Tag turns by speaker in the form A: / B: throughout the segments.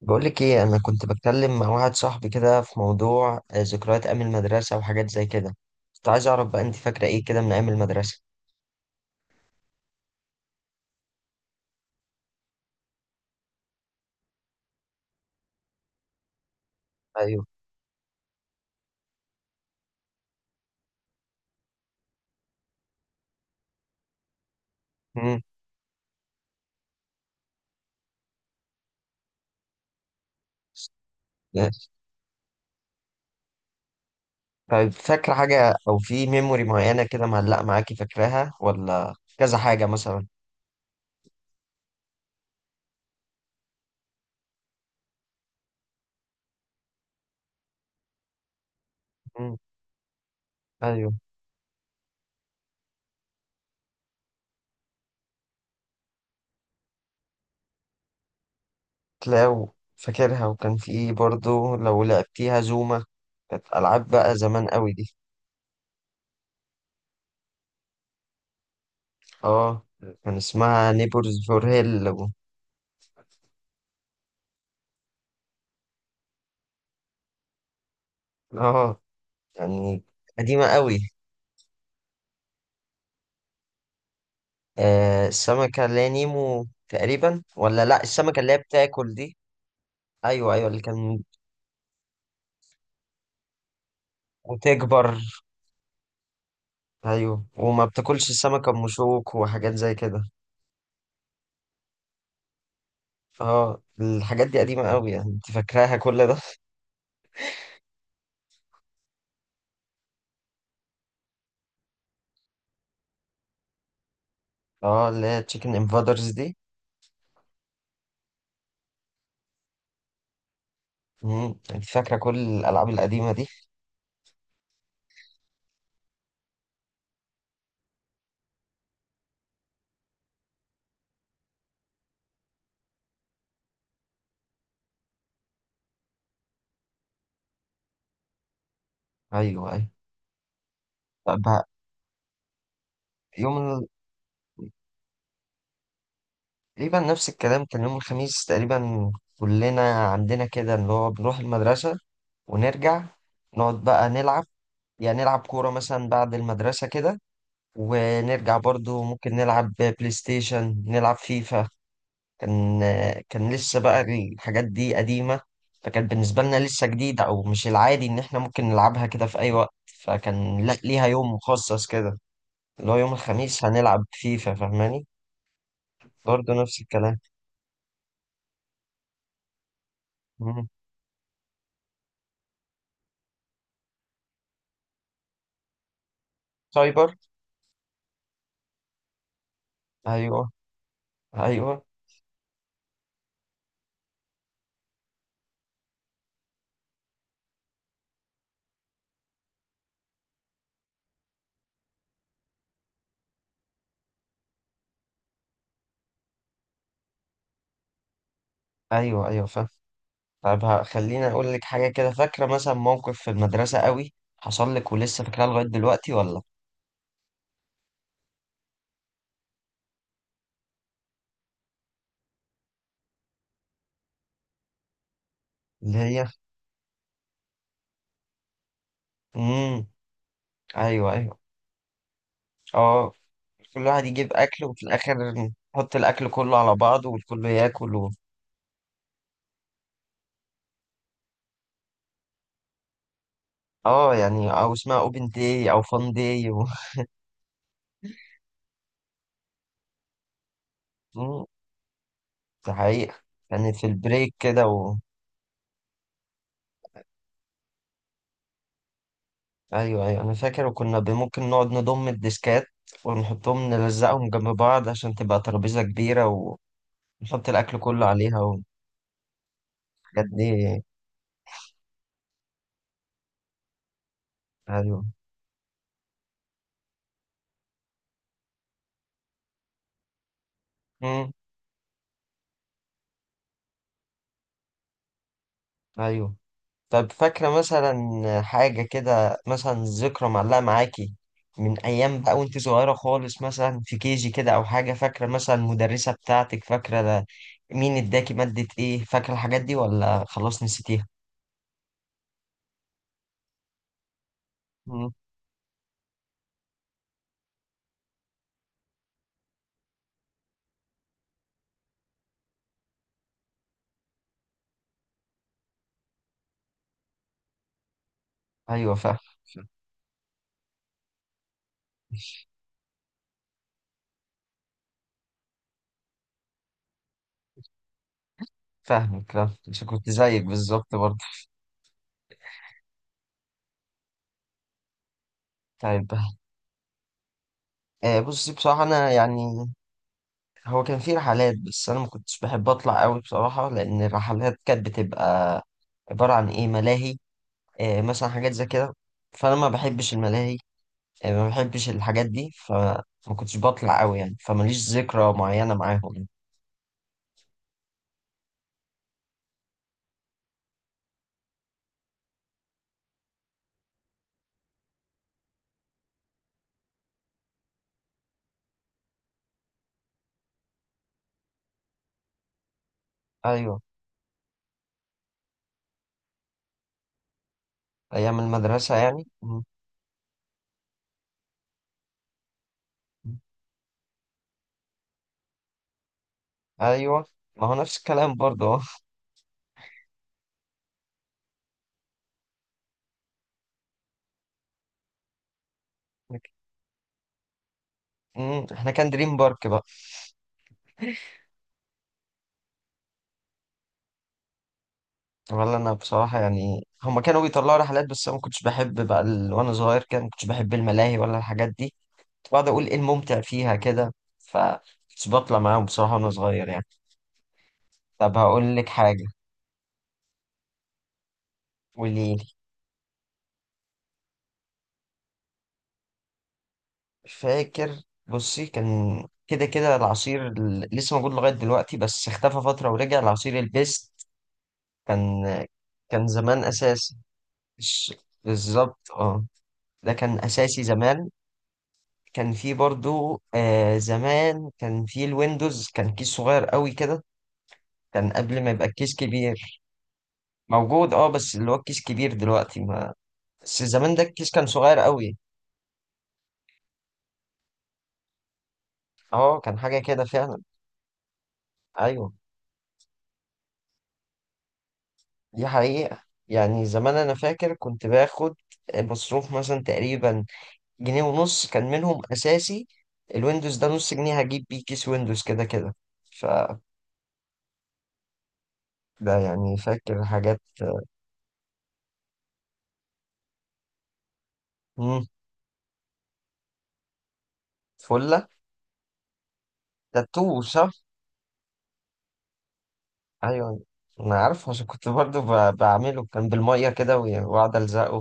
A: بقولك ايه، انا كنت بتكلم مع واحد صاحبي كده في موضوع ذكريات ايام المدرسه وحاجات زي كده. كنت عايز اعرف بقى انت فاكره ايه كده من ايام المدرسه. ايوه. امم. طيب، فاكره حاجه او في ميموري معينه كده معلقه معاكي فاكراها ولا كذا حاجه مثلا؟ امم. ايوه. تلاقوا. فاكرها، وكان في ايه برضو لو لعبتيها زوما؟ كانت العاب بقى زمان قوي دي. اه. كان اسمها نيبورز فور هيل. اه، يعني قديمه قوي. السمكة اللي هي نيمو تقريبا ولا لا، السمكة اللي هي بتاكل دي؟ ايوه ايوه، اللي كان. وتكبر. ايوه، وما بتاكلش السمكة ام شوك وحاجات زي كده. اه، الحاجات دي قديمة قوي يعني، انت فاكراها كل ده؟ اه، اللي هي تشيكن انفادرز دي. انت فاكرة كل الالعاب القديمة دي. ايوه ايوه. طب يوم ال- تقريبا نفس الكلام، كان يوم الخميس تقريبا. كلنا عندنا كده، اللي هو بنروح المدرسة ونرجع، نقعد بقى نلعب. يعني نلعب كورة مثلا بعد المدرسة كده. ونرجع برضو ممكن نلعب بلاي ستيشن، نلعب فيفا. كان كان لسه بقى الحاجات دي قديمة، فكان بالنسبة لنا لسه جديدة، أو مش العادي إن إحنا ممكن نلعبها كده في أي وقت. فكان لا، ليها يوم مخصص كده اللي هو يوم الخميس هنلعب فيفا، فاهماني؟ برضو نفس الكلام. مم. سايبر. أيوه أيوه أيوه أيوه. فاهم. طب خليني أقول لك حاجة كده. فاكرة مثلا موقف في المدرسة قوي حصل لك ولسه فاكراه لغاية دلوقتي ولا؟ اللي هي. امم. ايوه ايوه. اه، كل واحد يجيب اكل وفي الاخر نحط الاكل كله على بعضه والكل ياكل و... اه يعني، او اسمها اوبن داي او فان داي و... مم، ده حقيقة. كانت في البريك كده و... ايوه ايوه، انا فاكر. وكنا ممكن نقعد نضم الديسكات ونحطهم، نلزقهم جنب بعض عشان تبقى ترابيزة كبيرة، ونحط الاكل كله عليها والحاجات دي. ايوه. امم. ايوه. طب فاكرة مثلا حاجة كده، مثلا ذكرى معلقة معاكي من أيام بقى وأنت صغيرة خالص، مثلا في كيجي كده أو حاجة؟ فاكرة مثلا المدرسة بتاعتك؟ فاكرة ده؟ مين اداكي مادة إيه؟ فاكرة الحاجات دي ولا خلاص نسيتيها؟ مم. أيوه، فاهم. فاهمك، لا مش كنت زيك بالظبط برضه. طيب، بصي بصراحة أنا يعني هو كان في رحلات، بس أنا ما كنتش بحب أطلع أوي بصراحة، لأن الرحلات كانت بتبقى عبارة عن إيه، ملاهي، مثلا حاجات زي كده. فانا ما بحبش الملاهي، ما بحبش الحاجات دي فما كنتش بطلع قوي يعني، فماليش ذكرى معينة معاهم يعني. ايوه، ايام المدرسة يعني. م- ايوه، ما هو نفس الكلام برضه. اه. احنا كان دريم بارك بقى. ولا انا بصراحة يعني، هما كانوا بيطلعوا رحلات بس انا ما كنتش بحب بقى ال... وانا صغير كان ما كنتش بحب الملاهي ولا الحاجات دي. كنت بقعد اقول ايه الممتع فيها كده، ف كنتش بطلع معاهم بصراحة وانا صغير يعني. طب هقول لك حاجة. قولي. فاكر. بصي كان كده كده العصير لسه موجود لغاية دلوقتي بس اختفى فترة ورجع، العصير البيست. كان كان زمان أساسي. مش بالظبط اه، ده كان أساسي زمان. كان فيه برضو زمان كان فيه الويندوز، كان كيس صغير قوي كده، كان قبل ما يبقى الكيس كبير. موجود اه، بس اللي هو الكيس كبير دلوقتي ما بس زمان ده الكيس كان صغير قوي. اه، كان حاجة كده فعلا. ايوه، دي حقيقة يعني. زمان أنا فاكر كنت باخد مصروف مثلا تقريبا جنيه ونص، كان منهم أساسي الويندوز ده نص جنيه، هجيب بيه كيس ويندوز كده كده، ف ده يعني. فاكر حاجات. مم. فلة. تاتو صح؟ أيوة، أنا عارف عشان كنت برضو بعمله، كان بالمية كده وأقعد ألزقه.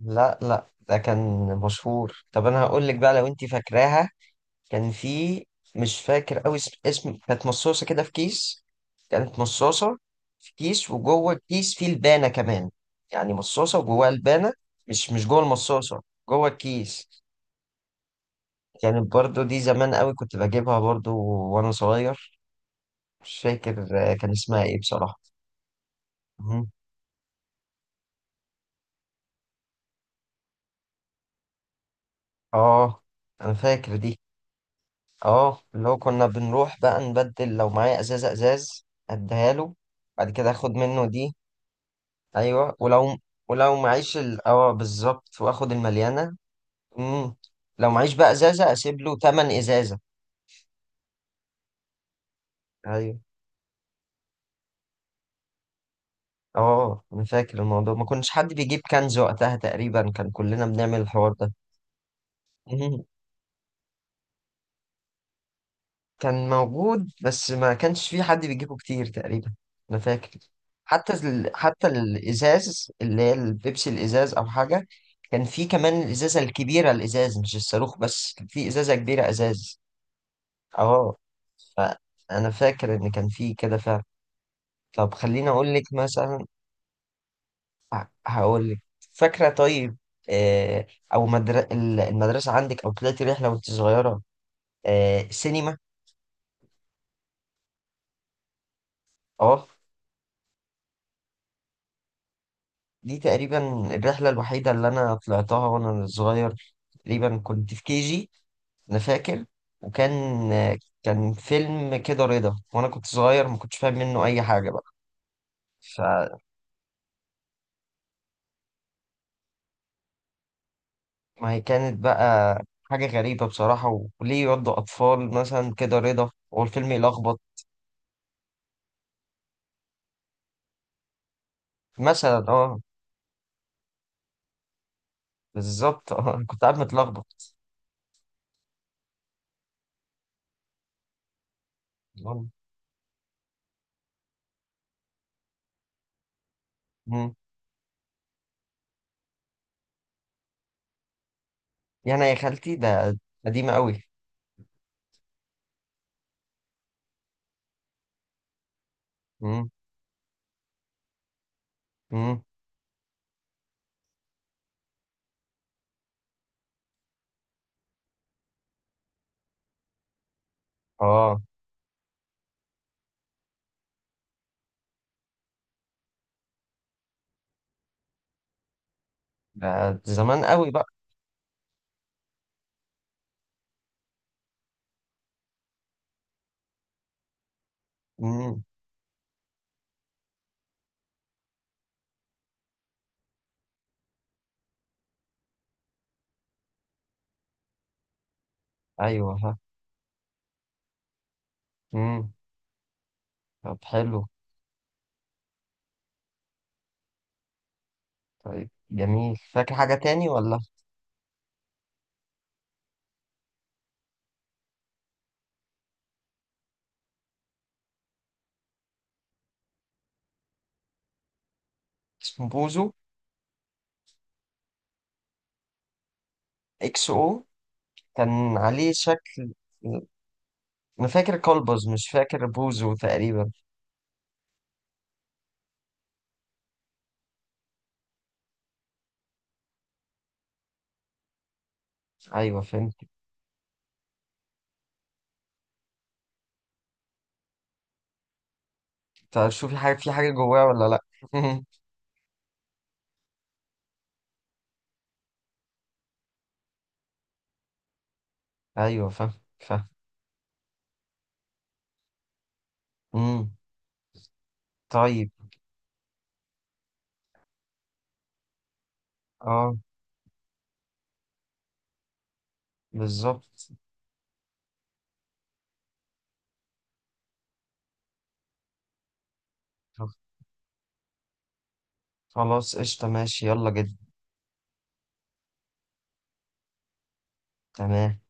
A: لا لا، ده كان مشهور. طب أنا هقول لك بقى لو أنت فاكراها، كان في، مش فاكر قوي اسم كانت مصاصة كده في كيس، كانت مصاصة في كيس وجوه الكيس فيه لبانة كمان، يعني مصاصة وجواها لبانة، مش جوه المصاصة، جوه الكيس. كانت برضو دي زمان قوي، كنت بجيبها برضو وانا صغير، مش فاكر كان اسمها ايه بصراحة. مهم. اه، انا فاكر دي. اه، اللي هو كنا بنروح بقى نبدل. لو معايا ازازة ازاز اديها له بعد كده اخد منه دي. ايوه، ولو معيش ال... اه بالظبط، واخد المليانه. امم. لو معيش بقى ازازه اسيب له تمن ازازه. ايوه. اه، انا فاكر الموضوع ما كنش حد بيجيب كنز وقتها تقريبا، كان كلنا بنعمل الحوار ده. مم. كان موجود بس ما كانش في حد بيجيبه كتير تقريبا. انا فاكر حتى ال... حتى الازاز اللي هي البيبسي الازاز او حاجه، كان في كمان الازازه الكبيره، الازاز مش الصاروخ، بس كان في ازازه كبيره ازاز. اه، فانا فاكر ان كان في كده فعلا. طب خليني اقول لك مثلا. هقول لك، فاكره طيب. آه. او المدرسه عندك، او طلعتي رحله وانت صغيره، سينما. اه، دي تقريبا الرحله الوحيده اللي انا طلعتها وانا صغير، تقريبا كنت في كي جي انا فاكر، وكان آه، كان فيلم كده رضا، وانا كنت صغير ما كنتش فاهم منه اي حاجه. بقى ما هي كانت بقى حاجة غريبة بصراحة، وليه يودوا أطفال مثلا كده رضا والفيلم يلخبط. مثلا اه. بالظبط اه، أنا كنت قاعد متلخبط. والله. مم. يعني يا خالتي ده قديمة أوي. مم. مم. اه، ده زمان أوي بقى. مم. أيوه ها. مم. طب حلو. طيب جميل، فاكر حاجة تاني ولا؟ اسمه بوزو. إكس أو. كان عليه شكل. أنا فاكر كلبز، مش فاكر بوزو تقريبا. أيوه، فهمت. طب شوفي حاجة في حاجة جواه ولا لأ؟ أيوه، فاهم فاهم. مم. طيب. اه، بالظبط. خلاص، قشطة، ماشي، يلا جد. تمام.